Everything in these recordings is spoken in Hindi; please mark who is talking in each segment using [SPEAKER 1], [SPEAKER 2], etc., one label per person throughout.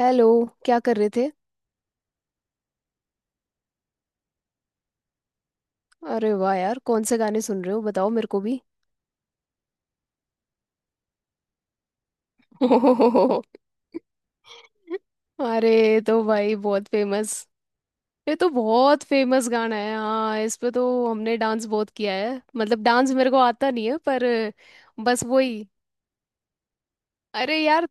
[SPEAKER 1] हेलो। क्या कर रहे थे? अरे वाह यार, कौन से गाने सुन रहे हो, बताओ मेरे को भी। अरे तो भाई बहुत फेमस। ये तो बहुत फेमस गाना है हाँ, इस पे तो हमने डांस बहुत किया है। मतलब डांस मेरे को आता नहीं है पर बस वही। अरे यार,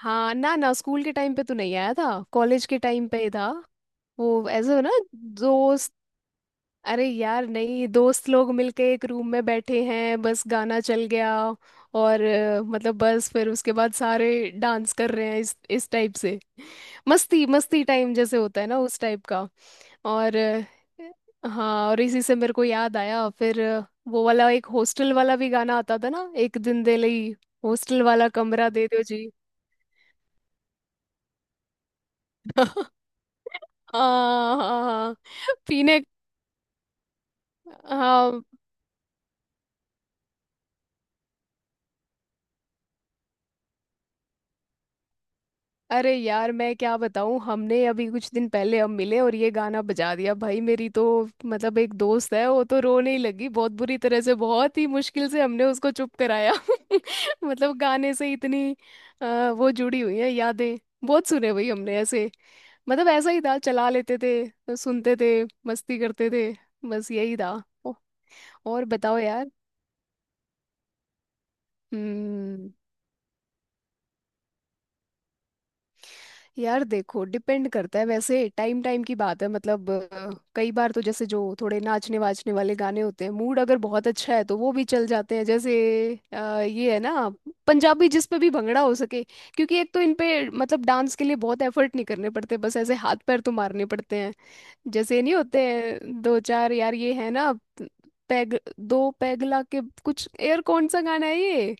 [SPEAKER 1] हाँ, ना ना स्कूल के टाइम पे तो नहीं आया था, कॉलेज के टाइम पे ही था। वो ऐसे हो ना, जो अरे यार नहीं, दोस्त लोग मिलके एक रूम में बैठे हैं, बस गाना चल गया और मतलब बस फिर उसके बाद सारे डांस कर रहे हैं इस टाइप से। मस्ती मस्ती टाइम जैसे होता है ना, उस टाइप का। और हाँ, और इसी से मेरे को याद आया फिर वो वाला एक हॉस्टल वाला भी गाना आता था ना, एक दिन दे लई, हॉस्टल वाला कमरा दे दो जी। हाँ हाँ हाँ। पीने। हाँ, अरे यार मैं क्या बताऊं, हमने अभी कुछ दिन पहले हम मिले और ये गाना बजा दिया भाई, मेरी तो, मतलब एक दोस्त है, वो तो रोने ही लगी बहुत बुरी तरह से। बहुत ही मुश्किल से हमने उसको चुप कराया। मतलब गाने से इतनी वो जुड़ी हुई है यादें। बहुत सुने भाई हमने ऐसे। मतलब ऐसा ही था, चला लेते थे, सुनते थे, मस्ती करते थे, बस यही था। औ- और बताओ यार। हम्म। यार देखो डिपेंड करता है, वैसे टाइम टाइम की बात है। मतलब कई बार तो जैसे जो थोड़े नाचने वाचने वाले गाने होते हैं, मूड अगर बहुत अच्छा है तो वो भी चल जाते हैं। जैसे ये है ना, पंजाबी जिस पे भी भंगड़ा हो सके। क्योंकि एक तो इन पे मतलब डांस के लिए बहुत एफर्ट नहीं करने पड़ते, बस ऐसे हाथ पैर तो मारने पड़ते हैं। जैसे नहीं होते हैं दो चार यार, ये है ना, पैग दो पैगला के कुछ, यार कौन सा गाना है ये?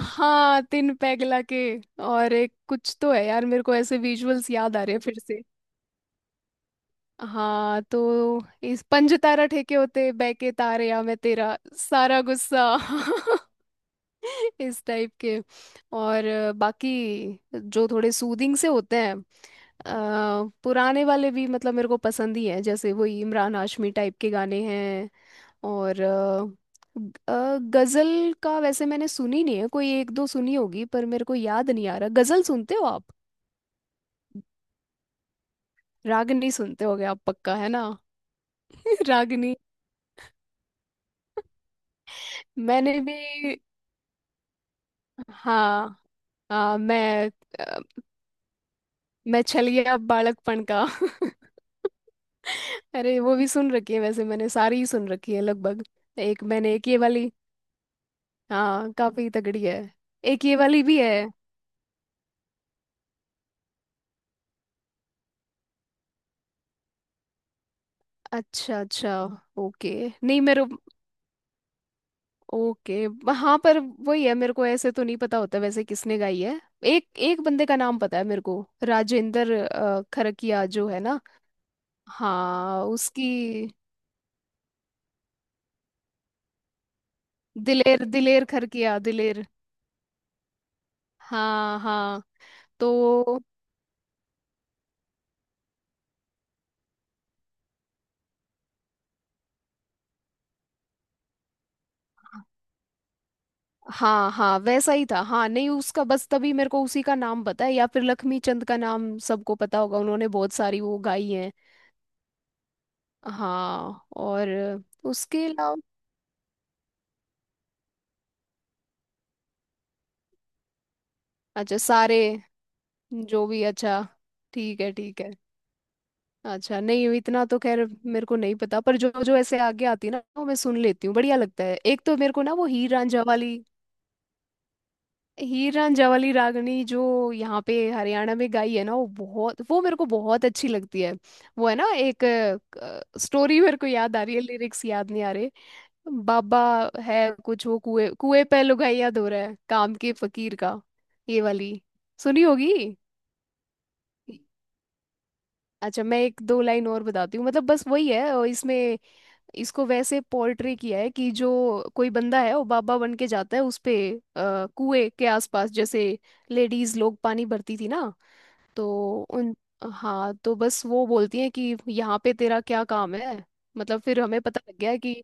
[SPEAKER 1] हाँ, तीन पैग लाके। और एक कुछ तो है यार, मेरे को ऐसे विजुअल्स याद आ रहे हैं फिर से। हाँ तो इस पंज तारा ठेके होते बहके तारे, या मैं तेरा सारा गुस्सा। इस टाइप के। और बाकी जो थोड़े सूदिंग से होते हैं पुराने वाले भी, मतलब मेरे को पसंद ही है। जैसे वही इमरान हाशमी टाइप के गाने हैं। और गजल का वैसे मैंने सुनी नहीं है, कोई एक दो सुनी होगी पर मेरे को याद नहीं आ रहा। गजल सुनते हो आप? रागनी सुनते होगे आप, पक्का है ना। रागनी। मैंने भी, हाँ हाँ, मैं अ, मैं छलिया बालकपन का। अरे वो भी सुन रखी है, वैसे मैंने सारी ही सुन रखी है लगभग। एक मैंने एक ये वाली। हाँ, काफी तगड़ी है। एक ये वाली भी है। अच्छा अच्छा, ओके। नहीं मेरे, ओके हाँ, पर वही है मेरे को ऐसे तो नहीं पता होता वैसे किसने गाई है। एक एक बंदे का नाम पता है मेरे को, राजेंद्र खरकिया जो है ना। हाँ उसकी, दिलेर दिलेर खरकिया दिलेर। हाँ हाँ तो, हाँ हाँ वैसा ही था हाँ। नहीं उसका बस, तभी मेरे को उसी का नाम पता है या फिर लक्ष्मी चंद का नाम सबको पता होगा, उन्होंने बहुत सारी वो गाई हैं। हाँ और उसके अलावा, अच्छा सारे जो भी, अच्छा, ठीक है ठीक है। अच्छा नहीं, इतना तो खैर मेरे को नहीं पता, पर जो जो ऐसे आगे आती है ना वो मैं सुन लेती हूँ, बढ़िया लगता है। एक तो मेरे को ना वो हीर रांझा वाली, हीर रांझा वाली रागनी जो यहाँ पे हरियाणा में गाई है ना, वो बहुत, वो मेरे को बहुत अच्छी लगती है। वो है ना एक स्टोरी, मेरे को याद आ रही है, लिरिक्स याद नहीं आ रहे। बाबा है कुछ, वो कुएं कुएं पे लुगाइया धो रहा है काम के फकीर का, ये वाली सुनी होगी। अच्छा मैं एक दो लाइन और बताती हूँ, मतलब बस वही है और इसमें इसको वैसे पोर्ट्रे किया है कि जो कोई बंदा है वो बाबा बन के जाता है, उस पे कुएं के आसपास जैसे लेडीज लोग पानी भरती थी ना, तो उन, हाँ तो बस वो बोलती हैं कि यहाँ पे तेरा क्या काम है, मतलब फिर हमें पता लग गया है कि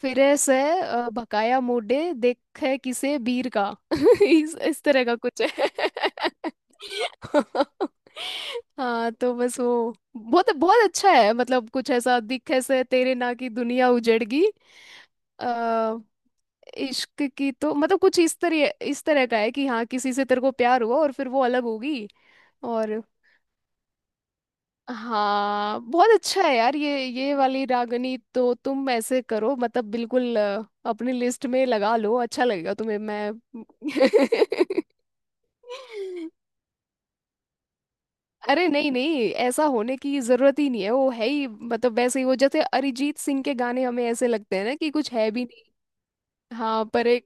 [SPEAKER 1] फिरे से, भकाया मोड़े देखे किसे बीर का। इस तरह का कुछ है। हाँ, तो बस वो बहुत बहुत अच्छा है, मतलब कुछ ऐसा दिखे से तेरे ना की दुनिया उजड़गी, अ, इश्क की तो मतलब कुछ इस तरह का है कि हाँ, किसी से तेरे को प्यार हुआ और फिर वो अलग होगी। और हाँ, बहुत अच्छा है यार ये वाली रागनी तो तुम ऐसे करो, मतलब बिल्कुल अपनी लिस्ट में लगा लो, अच्छा लगेगा तुम्हें मैं। अरे नहीं नहीं, ऐसा होने की जरूरत ही नहीं है, वो है ही मतलब वैसे ही, वो जैसे अरिजीत सिंह के गाने हमें ऐसे लगते हैं ना कि कुछ है भी नहीं, हाँ, पर एक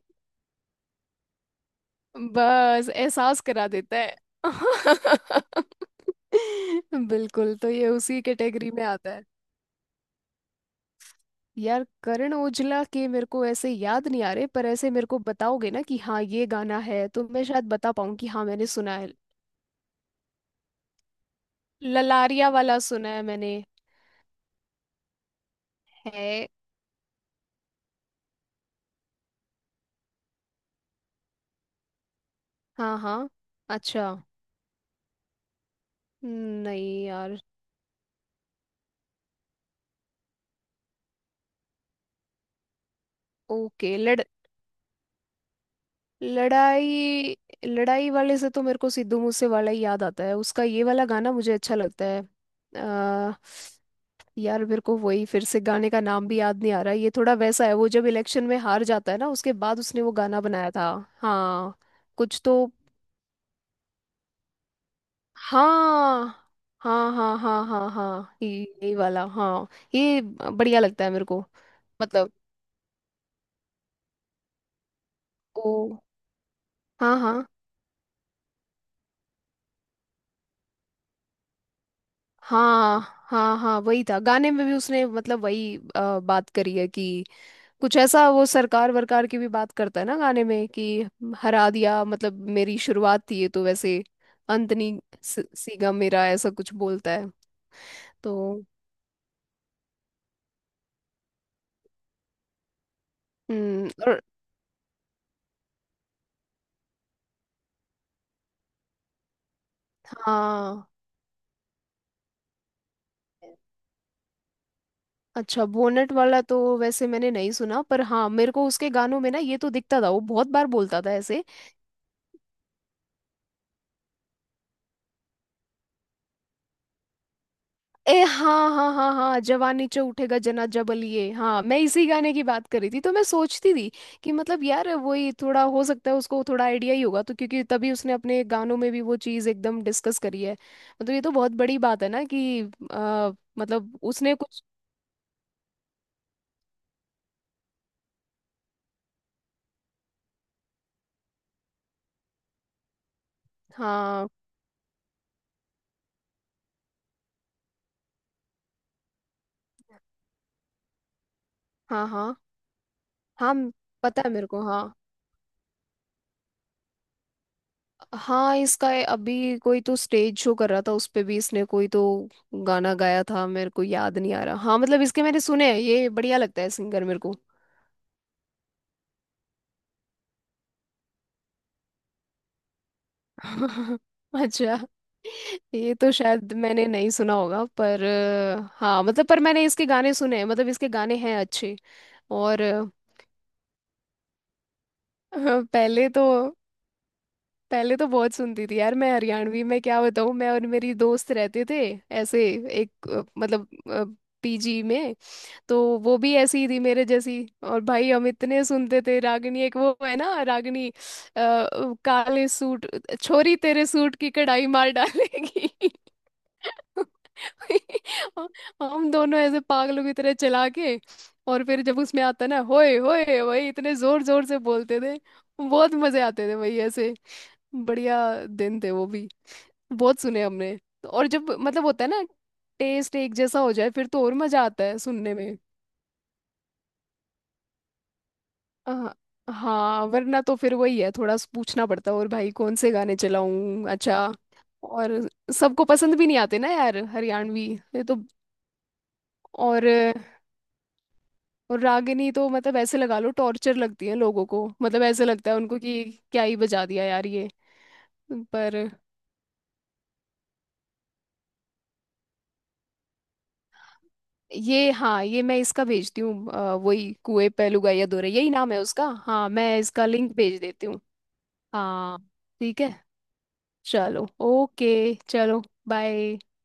[SPEAKER 1] बस एहसास करा देता है। बिल्कुल, तो ये उसी कैटेगरी में आता है। यार करण ओजला के मेरे को ऐसे याद नहीं आ रहे, पर ऐसे मेरे को बताओगे ना कि हाँ ये गाना है, तो मैं शायद बता पाऊँ कि हाँ, मैंने सुना है। ललारिया वाला सुना है मैंने। है, हाँ हाँ। अच्छा, नहीं यार, ओके लड़ाई, लड़ाई वाले से तो मेरे को सिद्धू मूसे वाला ही याद आता है, उसका ये वाला गाना मुझे अच्छा लगता है। आ, यार मेरे को वही, फिर से गाने का नाम भी याद नहीं आ रहा, ये थोड़ा वैसा है वो जब इलेक्शन में हार जाता है ना उसके बाद उसने वो गाना बनाया था। हाँ कुछ तो, हाँ हाँ हाँ हाँ हाँ हाँ ये, यही वाला हाँ, ये बढ़िया लगता है मेरे को। मतलब, ओ हाँ हाँ, हाँ हाँ हाँ हाँ, वही था, गाने में भी उसने मतलब वही बात करी है कि कुछ ऐसा, वो सरकार वरकार की भी बात करता है ना गाने में कि हरा दिया, मतलब मेरी शुरुआत थी ये तो, वैसे अंत नहीं, सीगा मेरा, ऐसा कुछ बोलता है। तो और, हाँ। अच्छा बोनट वाला तो वैसे मैंने नहीं सुना, पर हाँ, मेरे को उसके गानों में ना ये तो दिखता था, वो बहुत बार बोलता था ऐसे। ए हाँ हाँ हाँ हाँ, जवान नीचे उठेगा जना जबल, ये हाँ मैं इसी गाने की बात कर रही थी। तो मैं सोचती थी कि मतलब यार वही, थोड़ा हो सकता है उसको थोड़ा आइडिया ही होगा तो, क्योंकि तभी उसने अपने गानों में भी वो चीज़ एकदम डिस्कस करी है, मतलब ये तो बहुत बड़ी बात है ना कि आ, मतलब उसने कुछ, हाँ हाँ हाँ हाँ पता है मेरे को हाँ। हाँ इसका ये अभी कोई तो स्टेज शो कर रहा था, उस पे भी इसने कोई तो गाना गाया था, मेरे को याद नहीं आ रहा। हाँ मतलब इसके मैंने सुने हैं, ये बढ़िया लगता है सिंगर मेरे को। अच्छा, ये तो शायद मैंने नहीं सुना होगा, पर हाँ मतलब पर मैंने इसके गाने सुने हैं, मतलब इसके गाने हैं अच्छे। और हाँ, पहले तो, पहले तो बहुत सुनती थी यार मैं हरियाणवी में, क्या बताऊँ मैं और मेरी दोस्त रहते थे ऐसे एक मतलब पीजी में, तो वो भी ऐसी ही थी मेरे जैसी, और भाई हम इतने सुनते थे रागिनी, एक वो है ना रागिनी काले सूट, छोरी तेरे सूट की कढ़ाई मार डालेगी। हम दोनों ऐसे पागलों की तरह चला के, और फिर जब उसमें आता ना होए होए, वही इतने जोर जोर से बोलते थे। बहुत मजे आते थे वही ऐसे। बढ़िया दिन थे वो भी, बहुत सुने हमने। और जब मतलब होता है ना टेस्ट एक जैसा हो जाए फिर तो और मजा आता है सुनने में। हाँ, हाँ, वरना तो फिर वही है, थोड़ा सा पूछना पड़ता है और भाई कौन से गाने चलाऊं। अच्छा, और सबको पसंद भी नहीं आते ना यार हरियाणवी, ये तो। और और रागिनी तो मतलब ऐसे लगा लो, टॉर्चर लगती है लोगों को, मतलब ऐसे लगता है उनको कि क्या ही बजा दिया यार ये। पर, ये हाँ ये मैं इसका भेजती हूँ, वही कुएं पे लुगाइया दोरे, यही नाम है उसका हाँ, मैं इसका लिंक भेज देती हूँ। हाँ, ठीक है। चलो ओके, चलो बाय।